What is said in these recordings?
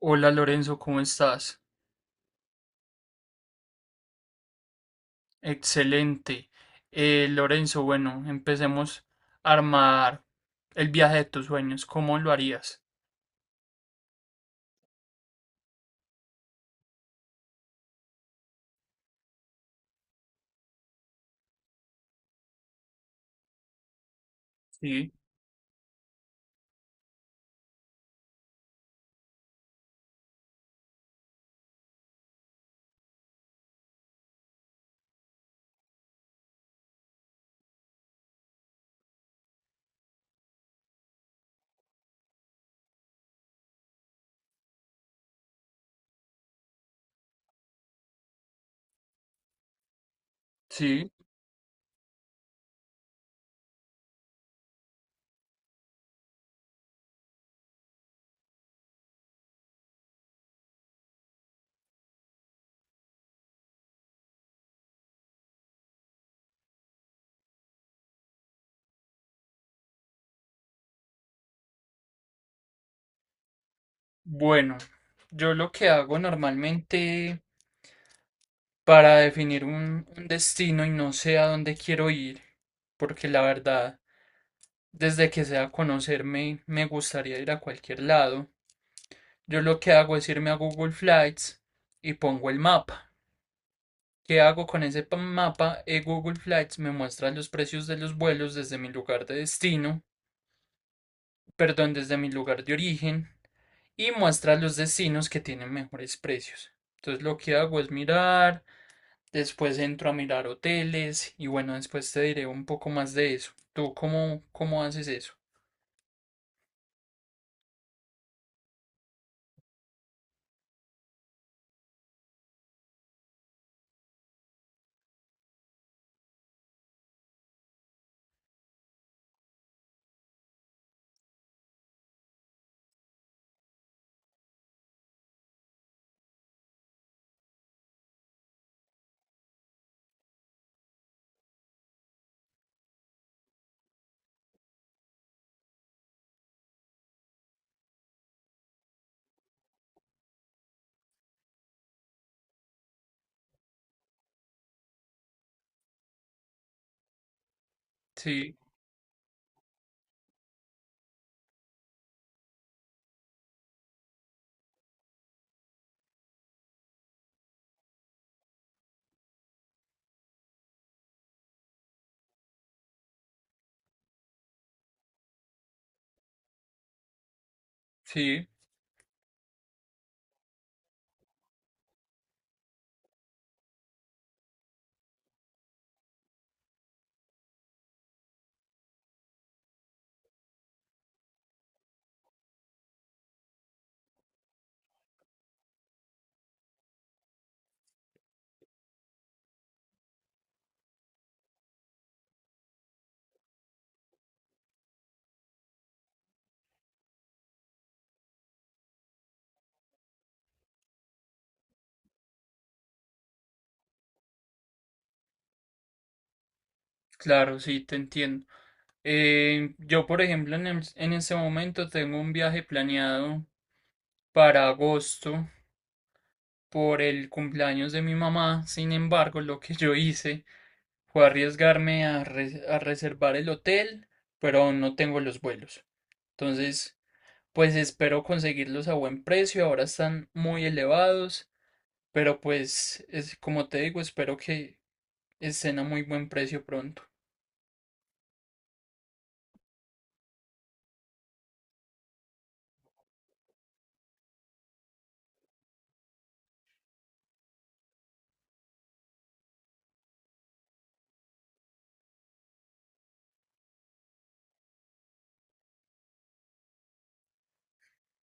Hola Lorenzo, ¿cómo estás? Excelente. Lorenzo, bueno, empecemos a armar el viaje de tus sueños. ¿Cómo lo harías? Sí, sí. Bueno, yo lo que hago normalmente para definir un destino y no sé a dónde quiero ir, porque la verdad, desde que sea conocerme, me gustaría ir a cualquier lado. Yo lo que hago es irme a Google Flights y pongo el mapa. ¿Qué hago con ese mapa? Google Flights me muestra los precios de los vuelos desde mi lugar de destino, perdón, desde mi lugar de origen, y muestra los destinos que tienen mejores precios. Entonces lo que hago es mirar, después entro a mirar hoteles y bueno, después te diré un poco más de eso. ¿Tú cómo haces eso? Sí, sí, claro, sí, te entiendo. Yo, por ejemplo, en este momento tengo un viaje planeado para agosto, por el cumpleaños de mi mamá. Sin embargo, lo que yo hice fue arriesgarme a reservar el hotel, pero aún no tengo los vuelos. Entonces, pues espero conseguirlos a buen precio. Ahora están muy elevados, pero pues es como te digo, espero que estén a muy buen precio pronto.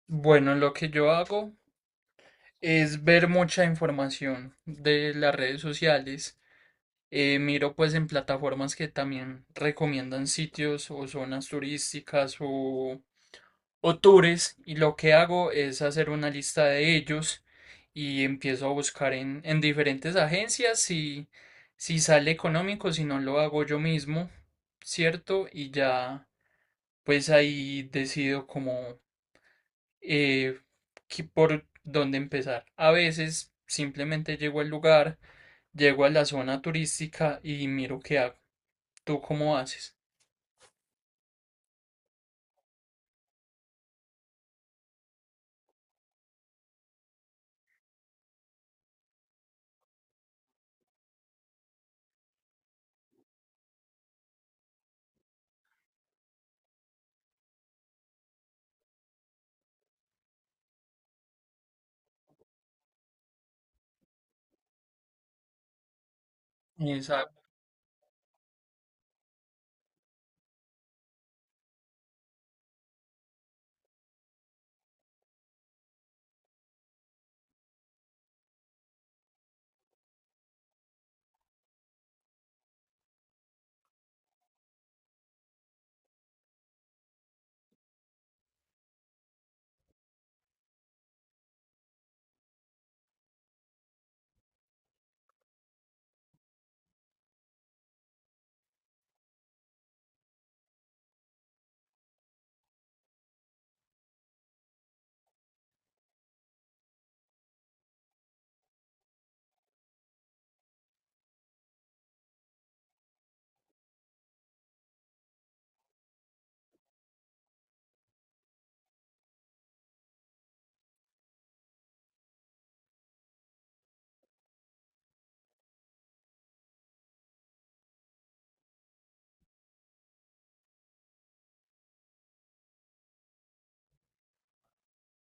Bueno, lo que yo hago es ver mucha información de las redes sociales. Miro pues en plataformas que también recomiendan sitios o zonas turísticas o tours, y lo que hago es hacer una lista de ellos y empiezo a buscar en diferentes agencias si, si sale económico, si no lo hago yo mismo, ¿cierto? Y ya pues ahí decido como eh, por dónde empezar. A veces simplemente llego al lugar, llego a la zona turística y miro qué hago. ¿Tú cómo haces? Exacto.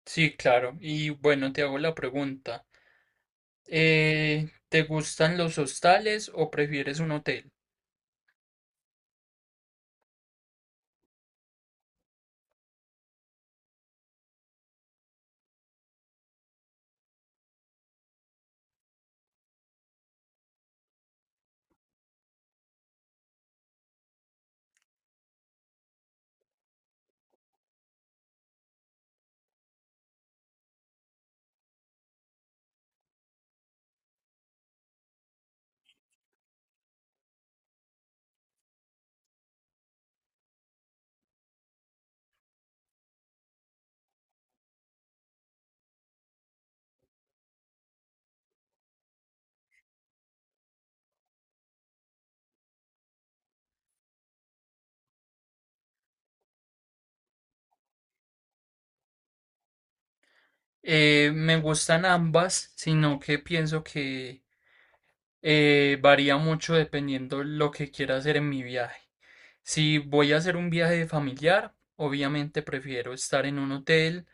Sí, claro. Y bueno, te hago la pregunta. ¿Te gustan los hostales o prefieres un hotel? Me gustan ambas, sino que pienso que varía mucho dependiendo lo que quiera hacer en mi viaje. Si voy a hacer un viaje familiar, obviamente prefiero estar en un hotel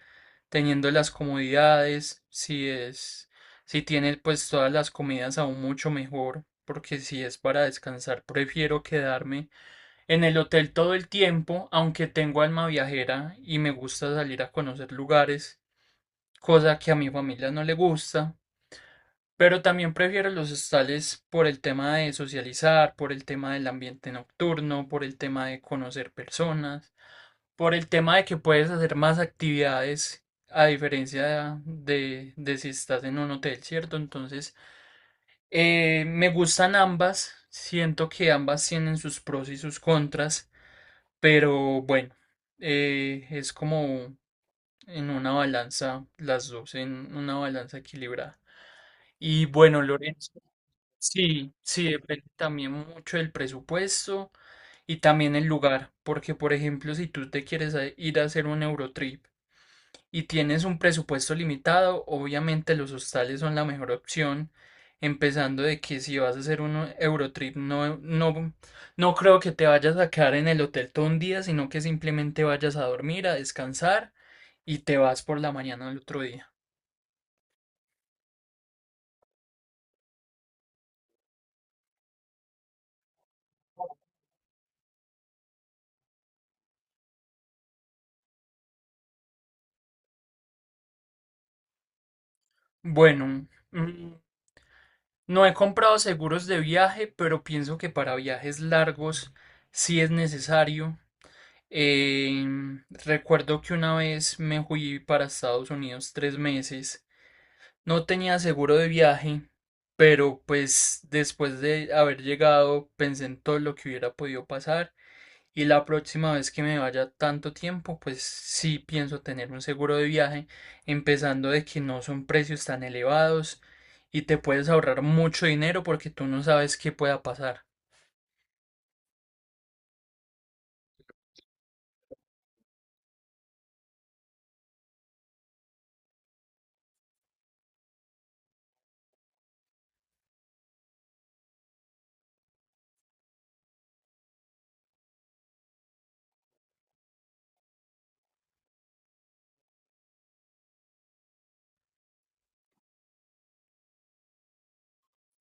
teniendo las comodidades. Si tiene pues todas las comidas aún mucho mejor, porque si es para descansar, prefiero quedarme en el hotel todo el tiempo, aunque tengo alma viajera y me gusta salir a conocer lugares, cosa que a mi familia no le gusta. Pero también prefiero los hostales por el tema de socializar, por el tema del ambiente nocturno, por el tema de conocer personas. Por el tema de que puedes hacer más actividades a diferencia de si estás en un hotel, ¿cierto? Entonces, me gustan ambas, siento que ambas tienen sus pros y sus contras, pero bueno, es como en una balanza, las dos, en una balanza equilibrada. Y bueno, Lorenzo, sí, sí, depende también mucho del presupuesto, y también el lugar, porque por ejemplo, si tú te quieres ir a hacer un Eurotrip, y tienes un presupuesto limitado, obviamente los hostales son la mejor opción, empezando de que si vas a hacer un Eurotrip, no, no, no creo que te vayas a quedar en el hotel todo un día, sino que simplemente vayas a dormir, a descansar y te vas por la mañana al otro día. Bueno, no he comprado seguros de viaje, pero pienso que para viajes largos sí es necesario. Recuerdo que una vez me fui para Estados Unidos 3 meses. No tenía seguro de viaje, pero pues después de haber llegado pensé en todo lo que hubiera podido pasar, y la próxima vez que me vaya tanto tiempo, pues sí pienso tener un seguro de viaje, empezando de que no son precios tan elevados y te puedes ahorrar mucho dinero porque tú no sabes qué pueda pasar.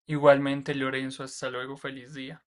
Igualmente, Lorenzo, hasta luego, feliz día.